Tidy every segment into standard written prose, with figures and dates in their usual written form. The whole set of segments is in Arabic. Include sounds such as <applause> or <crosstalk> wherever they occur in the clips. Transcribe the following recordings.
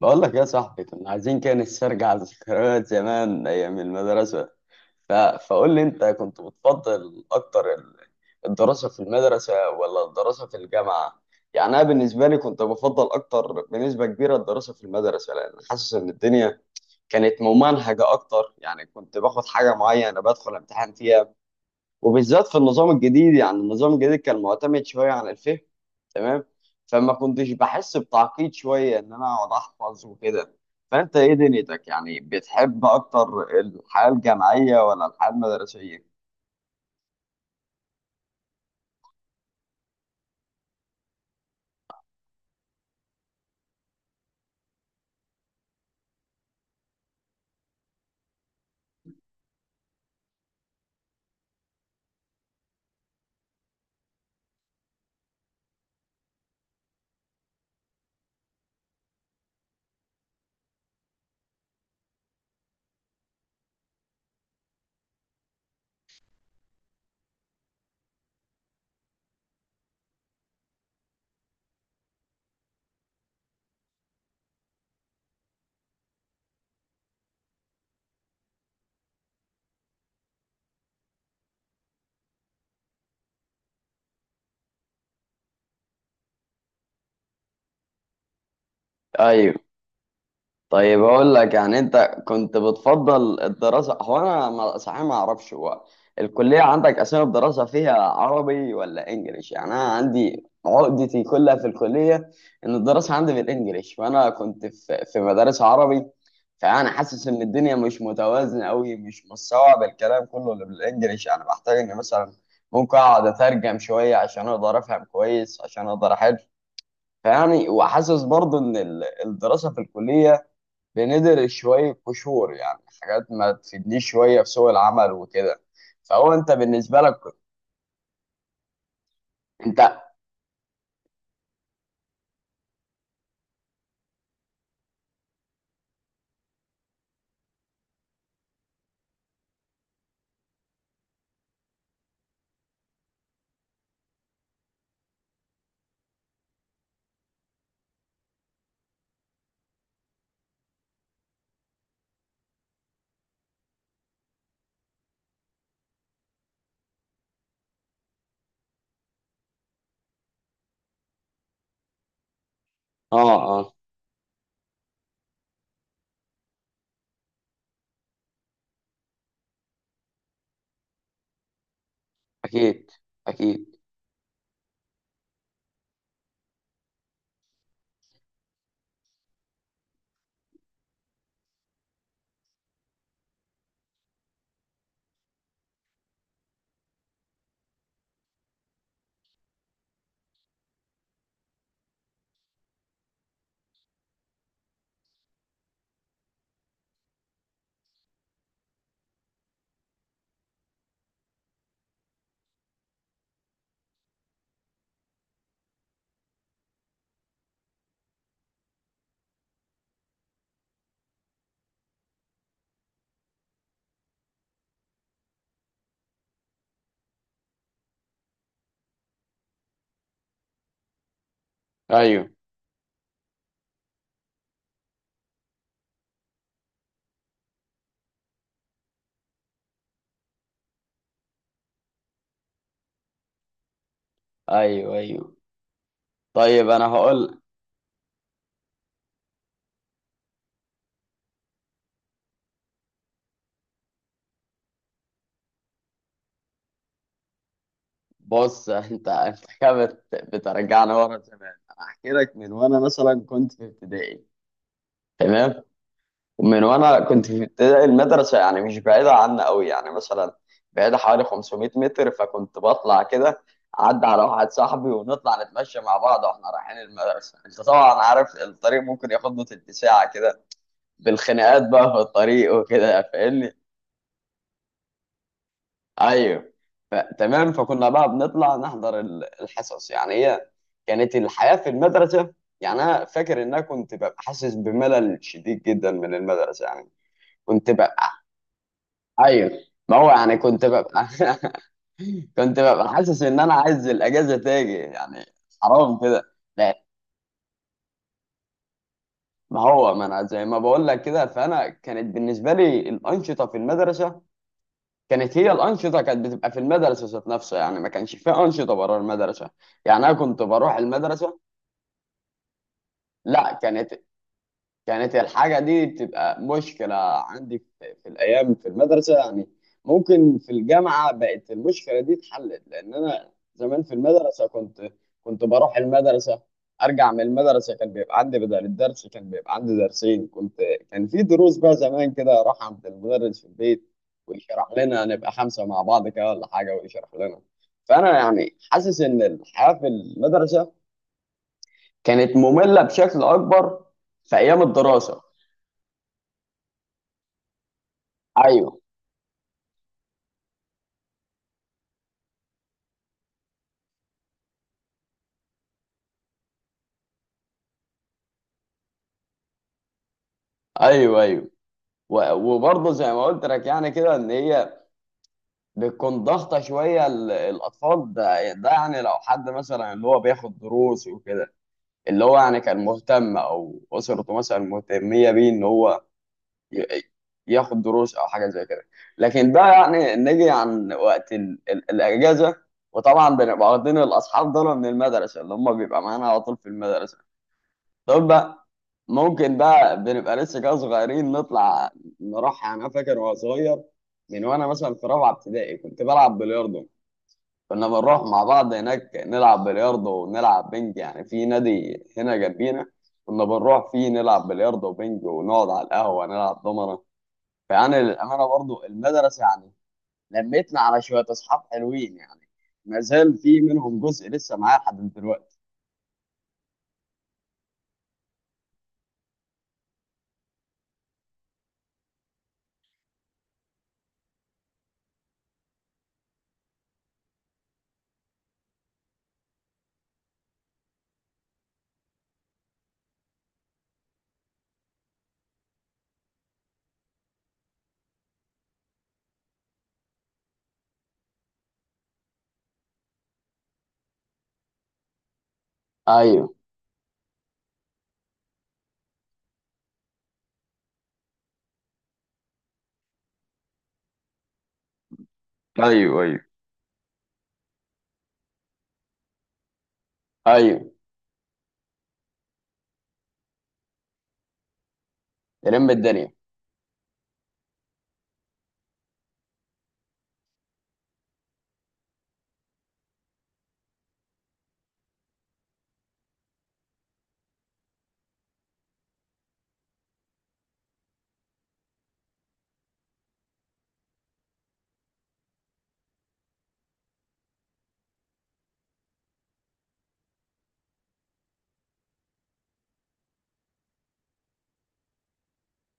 بقول لك يا صاحبي كنا عايزين كده نسترجع ذكريات زمان ايام المدرسه. فقول لي انت كنت بتفضل اكتر الدراسه في المدرسه ولا الدراسه في الجامعه؟ يعني انا بالنسبه لي كنت بفضل اكتر بنسبه كبيره الدراسه في المدرسه، لان حاسس ان الدنيا كانت ممنهجه اكتر، يعني كنت باخد حاجه معينه بدخل امتحان فيها، وبالذات في النظام الجديد. يعني النظام الجديد كان معتمد شويه على الفهم، تمام؟ فما كنتش بحس بتعقيد شويه ان انا اقعد احفظ وكده. فانت ايه دنيتك؟ يعني بتحب اكتر الحياه الجامعيه ولا الحياه المدرسيه؟ ايوه. طيب اقول لك، يعني انت كنت بتفضل الدراسه؟ هو انا صحيح ما اعرفش هو الكليه عندك اسامي الدراسه فيها عربي ولا انجليش، يعني انا عندي عقدتي كلها في الكليه ان الدراسه عندي بالانجليش، وانا كنت في مدارس عربي. فانا حاسس ان الدنيا مش متوازنه قوي، مش مستوعب الكلام كله اللي بالانجليش. انا بحتاج ان مثلا ممكن اقعد اترجم شويه عشان اقدر افهم كويس، عشان اقدر احل. فيعني وحاسس برضه ان الدراسه في الكليه بندر شوية قشور، يعني حاجات ما تفيدنيش شوية في سوق العمل وكده. فهو انت بالنسبة لك انت؟ اه اه. اكيد. اكيد. ايوه ايوه ايوه. طيب انا هقول. بص انت كده بترجعني ورا زمان. انا احكي لك من وانا مثلا كنت في ابتدائي. تمام. ومن وانا كنت في ابتدائي، المدرسه يعني مش بعيده عنا قوي، يعني مثلا بعيده حوالي 500 متر. فكنت بطلع كده اعدي على واحد صاحبي، ونطلع نتمشى مع بعض واحنا رايحين المدرسه. انت طبعا عارف، الطريق ممكن ياخد له تلت ساعه كده، بالخناقات بقى في الطريق وكده، فاهمني؟ ايوه. تمام. فكنا بقى بنطلع نحضر الحصص. يعني هي كانت الحياه في المدرسه. يعني انا فاكر ان انا كنت ببقى حاسس بملل شديد جدا من المدرسه يعني. كنت ب- ايوه. ما هو يعني كنت ببقى <laughs> كنت ببقى حاسس ان انا عايز الاجازه تاجي يعني. حرام كده. لا. ما هو ما انا زي ما بقول لك كده، فانا كانت بالنسبه لي الانشطه في المدرسه، كانت هي الانشطه كانت بتبقى في المدرسه ذات نفسها، يعني ما كانش فيها انشطه بره المدرسه. يعني انا كنت بروح المدرسه. لا كانت. كانت الحاجة دي بتبقى مشكلة عندي في الأيام في المدرسة يعني. ممكن في الجامعة بقت المشكلة دي اتحلت، لأن أنا زمان في المدرسة كنت. كنت بروح المدرسة، أرجع من المدرسة كان بيبقى عندي بدل الدرس كان بيبقى عندي درسين. كنت كان في دروس بقى زمان كده، أروح عند المدرس في البيت ويشرح لنا، نبقى خمسة مع بعض كده ولا حاجة ويشرح لنا. فأنا يعني حاسس إن الحياة في المدرسة كانت مملة بشكل أكبر في أيام الدراسة. ايوه ايوه ايوه. وبرضه زي ما قلت لك يعني كده، ان هي بتكون ضغطه شويه الاطفال. ده يعني لو حد مثلا اللي هو بياخد دروس وكده، اللي هو يعني كان مهتم او اسرته مثلا مهتميه بيه ان هو ي- ياخد دروس او حاجه زي كده. لكن ده يعني نيجي عن وقت الاجازه، وطبعا بنبقى واخدين الاصحاب دول من المدرسه، اللي هم بيبقى معانا على طول في المدرسه. طب ممكن بقى بنبقى لسه كده صغيرين نطلع نروح. يعني انا فاكر وانا صغير، من وانا مثلا في رابعه ابتدائي كنت بلعب بلياردو. كنا بنروح مع بعض هناك نلعب بلياردو ونلعب بنج، يعني في نادي هنا جنبينا كنا بنروح فيه نلعب بلياردو وبنج ونقعد على القهوه نلعب دومنه. فيعني للامانه برضو المدرسه يعني لميتنا على شويه اصحاب حلوين يعني، ما زال في منهم جزء لسه معايا لحد دلوقتي. ايوه ايوه ايوه ايوه. يلم الدنيا.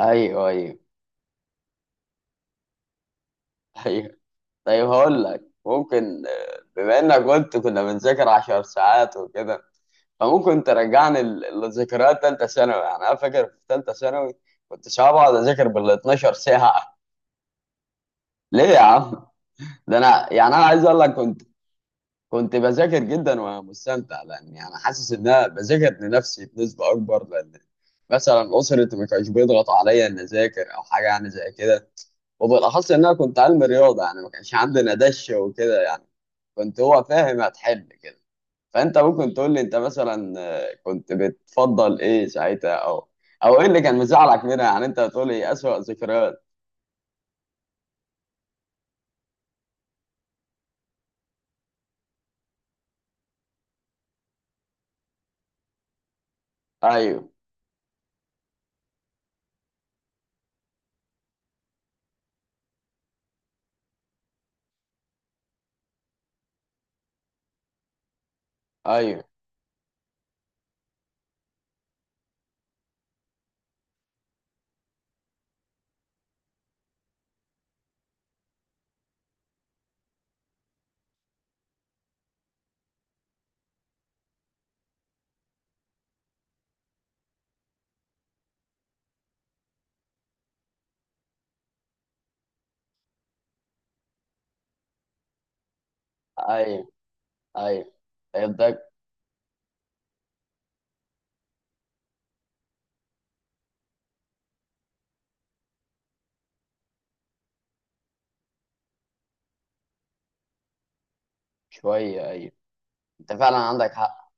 ايوه ايوه. <laughs> ايوه. طيب هقول لك ممكن، بما انك قلت كنا بنذاكر 10 ساعات وكده، فممكن ترجعني لذكريات تالتة ثانوي. يعني انا فاكر في تالتة ثانوي كنت ساعات بقعد اذاكر بال 12 ساعة. <laughs> ليه يا عم؟ ده انا يعني انا عايز اقول لك كنت، كنت بذاكر جدا وانا مستمتع، لان يعني حاسس ان انا بذاكر لنفسي بنسبة اكبر، لان مثلا اسرتي ما كانش بيضغط عليا ان اذاكر او حاجة يعني زي كده. وبالاخص ان انا كنت علم رياضة، يعني ما كانش عندنا دش وكده يعني، كنت هو فاهم هتحل كده. فانت ممكن تقول لي انت مثلا، كنت بتفضل ايه ساعتها، او او ايه اللي كان مزعلك منها؟ يعني انت بتقول لي اسوأ ذكريات. ايوه ايوه ايوه ايوه. يبدأك. شويه، ايوه. انت فعلا عندك حق.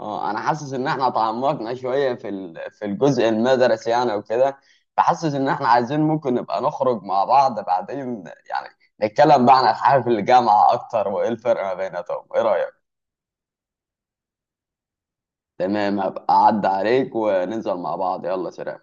اه. انا حاسس ان احنا تعمقنا شويه في الجزء المدرسي يعني وكده. فحاسس ان احنا عايزين ممكن نبقى نخرج مع بعض بعدين، يعني نتكلم بقى عن الحياه في الجامعه اكتر وايه الفرق ما بيناتهم، ايه رايك؟ تمام. هبقى اعدي عليك وننزل مع بعض، يلا سلام.